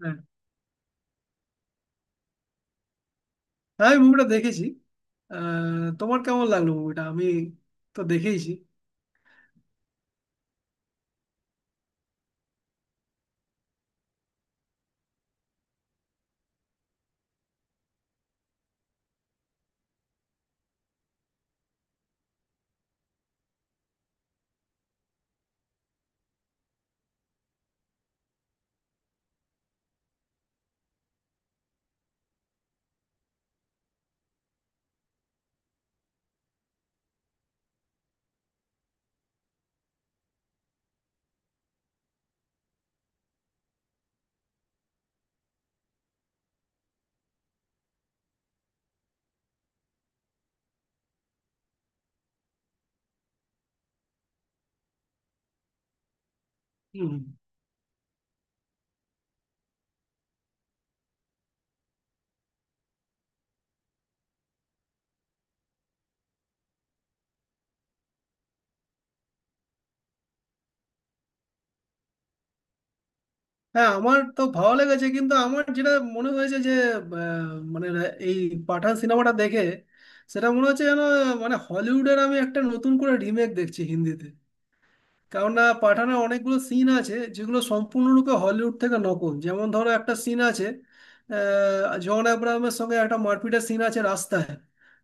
হ্যাঁ, হ্যাঁ, আমি মুভিটা দেখেছি। তোমার কেমন লাগলো? মুভিটা আমি তো দেখেইছি। হুম। হ্যাঁ, আমার তো ভালো লেগেছে, কিন্তু আমার যেটা মনে হয়েছে যে আহ, মানে এই পাঠান সিনেমাটা দেখে সেটা মনে হচ্ছে যেন মানে হলিউডের আমি একটা নতুন করে রিমেক দেখছি হিন্দিতে। কারণ না পাঠানের অনেকগুলো সিন আছে যেগুলো সম্পূর্ণরূপে হলিউড থেকে নকল। যেমন ধরো, একটা সিন আছে, জন আব্রাহামের সঙ্গে একটা মারপিটের সিন আছে রাস্তায়,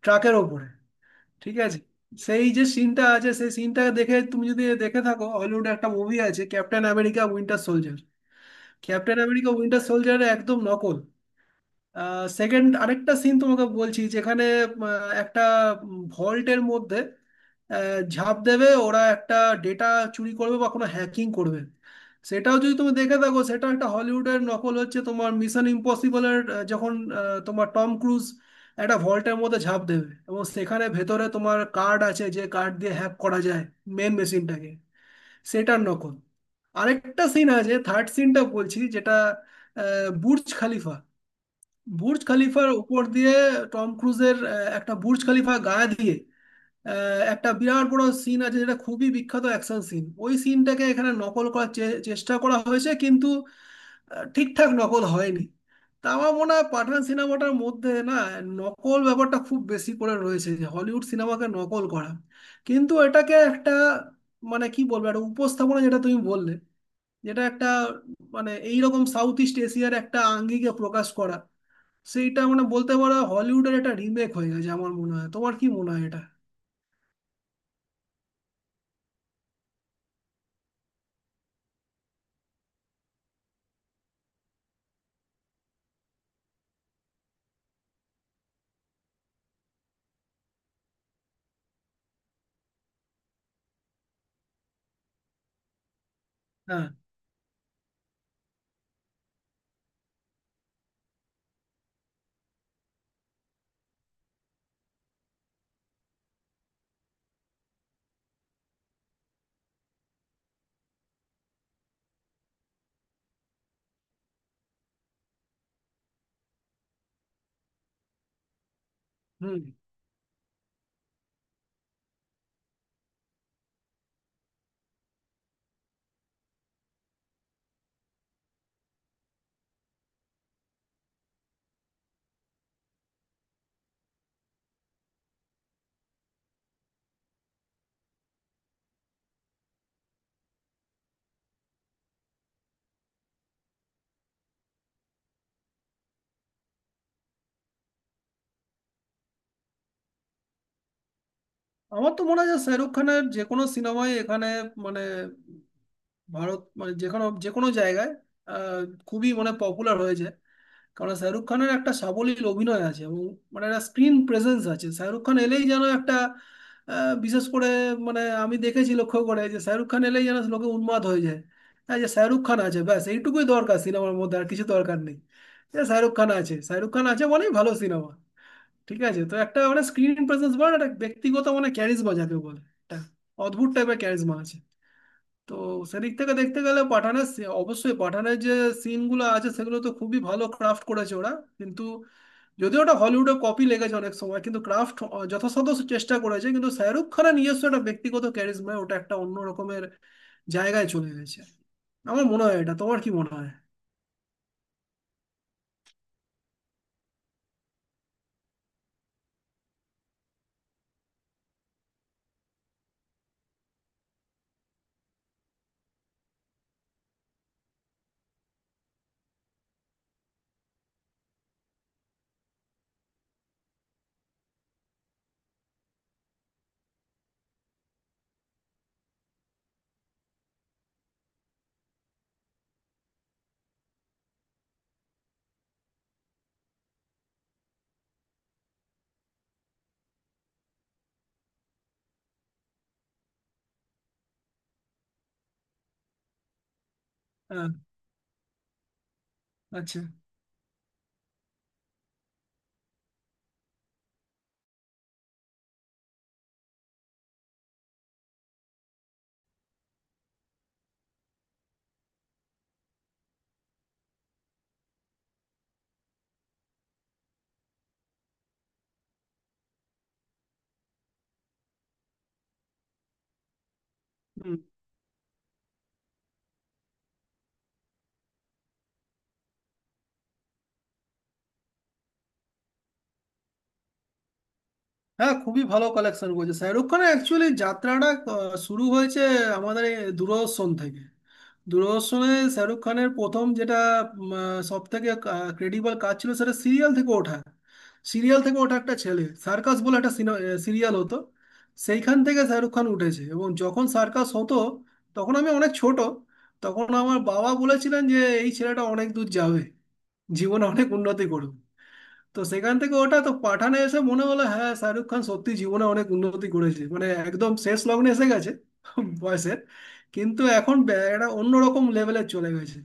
ট্রাকের ওপরে, ঠিক আছে? সেই যে সিনটা আছে, সেই সিনটা দেখে, তুমি যদি দেখে থাকো হলিউডে একটা মুভি আছে, Captain America Winter Soldier. Captain America Winter Soldier, একদম নকল। সেকেন্ড আরেকটা সিন তোমাকে বলছি, যেখানে আহ, একটা ভল্টের মধ্যে ঝাঁপ দেবে ওরা, একটা ডেটা চুরি করবে বা কোনো হ্যাকিং করবে। সেটাও যদি তুমি দেখে থাকো, সেটা একটা হলিউডের নকল, হচ্ছে তোমার মিশন ইম্পসিবলের। যখন তোমার টম ক্রুজ একটা ভল্টের মধ্যে ঝাঁপ দেবে এবং সেখানে ভেতরে তোমার কার্ড আছে, যে কার্ড দিয়ে হ্যাক করা যায় মেন মেশিনটাকে, সেটার নকল। আরেকটা সিন আছে, থার্ড সিনটা বলছি, যেটা বুর্জ খালিফা, বুর্জ খলিফার উপর দিয়ে টম ক্রুজের একটা বুর্জ খলিফা গায়ে দিয়ে একটা বিরাট বড় সিন আছে যেটা খুবই বিখ্যাত অ্যাকশন সিন। ওই সিনটাকে এখানে নকল করার চেষ্টা করা হয়েছে, কিন্তু ঠিকঠাক নকল হয়নি। তা আমার মনে হয় পাঠান সিনেমাটার মধ্যে না, নকল ব্যাপারটা খুব বেশি করে রয়েছে, যে হলিউড সিনেমাকে নকল করা। কিন্তু এটাকে একটা মানে কি বলবো, একটা উপস্থাপনা যেটা তুমি বললে, যেটা একটা মানে এইরকম সাউথ ইস্ট এশিয়ার একটা আঙ্গিকে প্রকাশ করা, সেইটা মানে বলতে পারো হলিউডের একটা রিমেক হয়ে গেছে। আমার মনে হয় তোমার কি মনে হয়? এটা হ্যাঁ। হুম। আমার তো মনে হয় যে শাহরুখ খানের যে কোনো সিনেমায় এখানে মানে ভারত মানে যে কোনো জায়গায় আহ, খুবই মানে পপুলার হয়েছে। কারণ শাহরুখ খানের একটা সাবলীল অভিনয় আছে এবং মানে একটা স্ক্রিন প্রেজেন্স আছে। শাহরুখ খান এলেই যেন একটা বিশেষ করে মানে আমি দেখেছি লক্ষ্য করে যে শাহরুখ খান এলেই যেন লোকে উন্মাদ হয়ে যায়। হ্যাঁ, যে শাহরুখ খান আছে ব্যাস এইটুকুই দরকার, সিনেমার মধ্যে আর কিছু দরকার নেই। যে শাহরুখ খান আছে, শাহরুখ খান আছে মানেই ভালো সিনেমা, ঠিক আছে। তো একটা মানে স্ক্রিন প্রেজেন্স বলে একটা ব্যক্তিগত মানে ক্যারিজমা যাকে বলে, একটা অদ্ভুত টাইপের ক্যারিজমা আছে। তো সেদিক থেকে দেখতে গেলে পাঠানের অবশ্যই পাঠানের যে সিনগুলো আছে সেগুলো তো খুবই ভালো ক্রাফট করেছে ওরা। কিন্তু, যদিও ওটা হলিউডে কপি লেগেছে অনেক সময়, কিন্তু ক্রাফট যথাসাধ্য চেষ্টা করেছে, কিন্তু শাহরুখ খানের নিজস্ব একটা ব্যক্তিগত ক্যারিজমায় ওটা একটা অন্য রকমের জায়গায় চলে গেছে। আমার মনে হয় এটা। তোমার কি মনে হয়? হ্যাঁ। আচ্ছা। হ্যাঁ, খুবই ভালো কালেকশন করেছে। শাহরুখ খানের অ্যাকচুয়ালি যাত্রাটা শুরু হয়েছে আমাদের এই দূরদর্শন থেকে। দূরদর্শনে শাহরুখ খানের প্রথম যেটা সব থেকে ক্রেডিবল কাজ ছিল, সেটা সিরিয়াল থেকে ওঠা। একটা ছেলে, সার্কাস বলে একটা সিরিয়াল হতো, সেইখান থেকে শাহরুখ খান উঠেছে। এবং যখন সার্কাস হতো তখন আমি অনেক ছোট। তখন আমার বাবা বলেছিলেন যে এই ছেলেটা অনেক দূর যাবে, জীবনে অনেক উন্নতি করবে। তো সেখান থেকে ওটা তো পাঠানে এসে মনে হলো হ্যাঁ, শাহরুখ খান সত্যি জীবনে অনেক উন্নতি করেছে, মানে একদম শেষ লগ্নে এসে গেছে বয়সের, কিন্তু এখন একটা অন্যরকম লেভেলে চলে গেছে।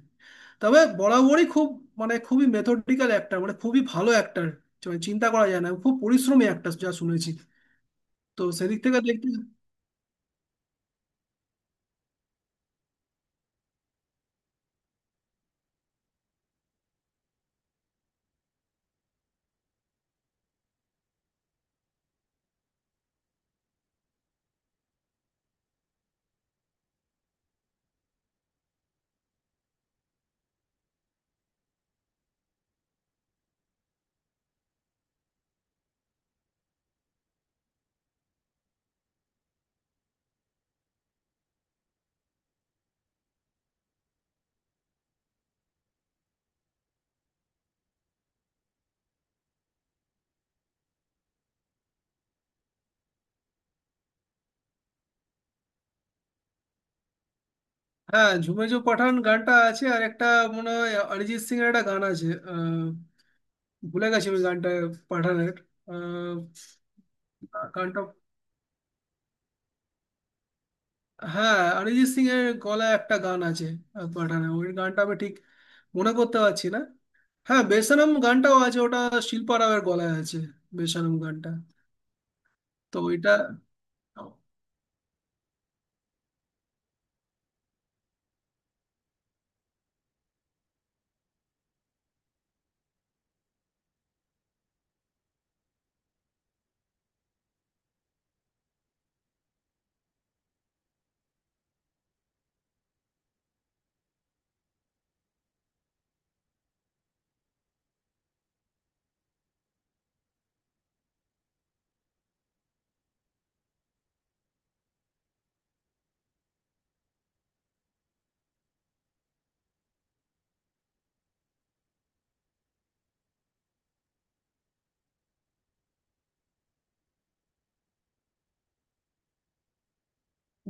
তবে বরাবরই খুব মানে খুবই মেথডিক্যাল অ্যাক্টর, মানে খুবই ভালো অ্যাক্টর, চিন্তা করা যায় না, খুব পরিশ্রমী অ্যাক্টর, যা শুনেছি। তো সেদিক থেকে দেখতে। হ্যাঁ, ঝুমে জো পাঠান গানটা আছে, আর একটা মনে হয় অরিজিৎ সিং এর একটা গান আছে। ভুলে গেছি আমি গানটা পাঠানের। আহ, গানটা হ্যাঁ, অরিজিৎ সিং এর গলায় একটা গান আছে। পাঠানে ওই গানটা আমি ঠিক মনে করতে পারছি না। হ্যাঁ, বেসনম গানটাও আছে। ওটা শিল্পা রাওয়ের গলায় আছে, বেসনম গানটা। তো ওইটা।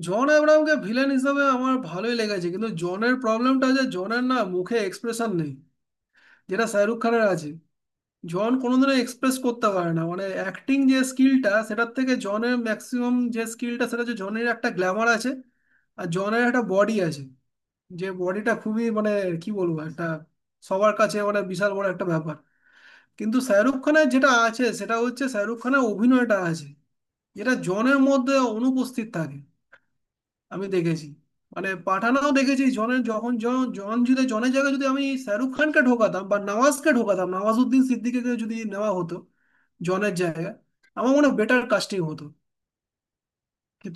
জন আব্রাহামকে ভিলেন হিসাবে আমার ভালোই লেগেছে, কিন্তু জনের প্রবলেমটা যে জনের না মুখে এক্সপ্রেশন নেই, যেটা শাহরুখ খানের আছে। জন কোনোদিনও এক্সপ্রেস করতে পারে না। মানে অ্যাক্টিং যে স্কিলটা, সেটার থেকে জনের ম্যাক্সিমাম যে স্কিলটা, সেটা হচ্ছে জনের একটা গ্ল্যামার আছে, আর জনের একটা বডি আছে, যে বডিটা খুবই মানে কি বলবো, একটা সবার কাছে মানে বিশাল বড় একটা ব্যাপার। কিন্তু শাহরুখ খানের যেটা আছে, সেটা হচ্ছে শাহরুখ খানের অভিনয়টা আছে, যেটা জনের মধ্যে অনুপস্থিত থাকে। আমি দেখেছি মানে পাঠানও দেখেছি জনের, যখন জন জন যদি জনের জায়গায় যদি আমি শাহরুখ খানকে ঢোকাতাম বা নওয়াজকে ঢোকাতাম, নওয়াজুদ্দিন সিদ্দিকীকে যদি নেওয়া হতো জনের জায়গায়, আমার মনে হয় বেটার কাস্টিং হতো।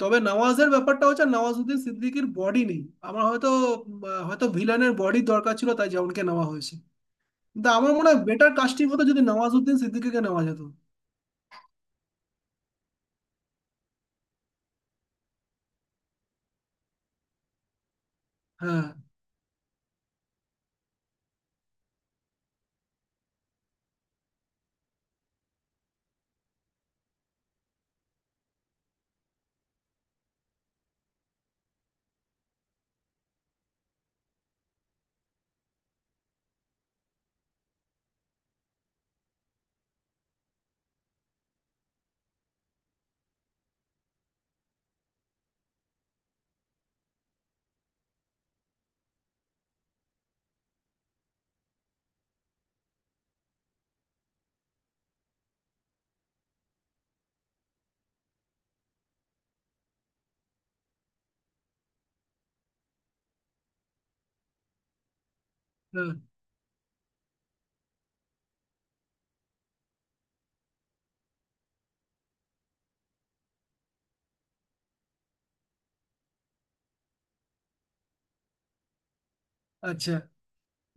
তবে নওয়াজের ব্যাপারটা হচ্ছে নওয়াজুদ্দিন সিদ্দিকীর বডি নেই। আমার হয়তো হয়তো ভিলানের বডি দরকার ছিল, তাই যেমনকে নেওয়া হয়েছে। কিন্তু আমার মনে হয় বেটার কাস্টিং হতো যদি নওয়াজুদ্দিন সিদ্দিকীকে নেওয়া যেত। হ্যাঁ, হ্যাঁ। আচ্ছা।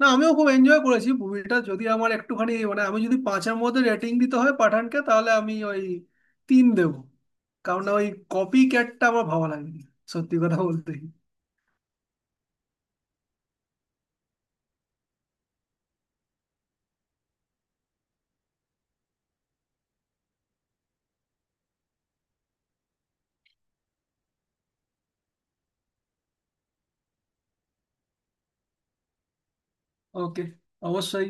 না, আমিও খুব এনজয় করেছি মুভিটা। যদি আমার একটুখানি মানে আমি যদি 5-এর মধ্যে রেটিং দিতে হয় পাঠানকে, তাহলে আমি ওই 3 দেবো। কারণ না ওই কপি ক্যাটটা আমার ভালো লাগেনি, সত্যি কথা বলতে। ওকে। অবশ্যই।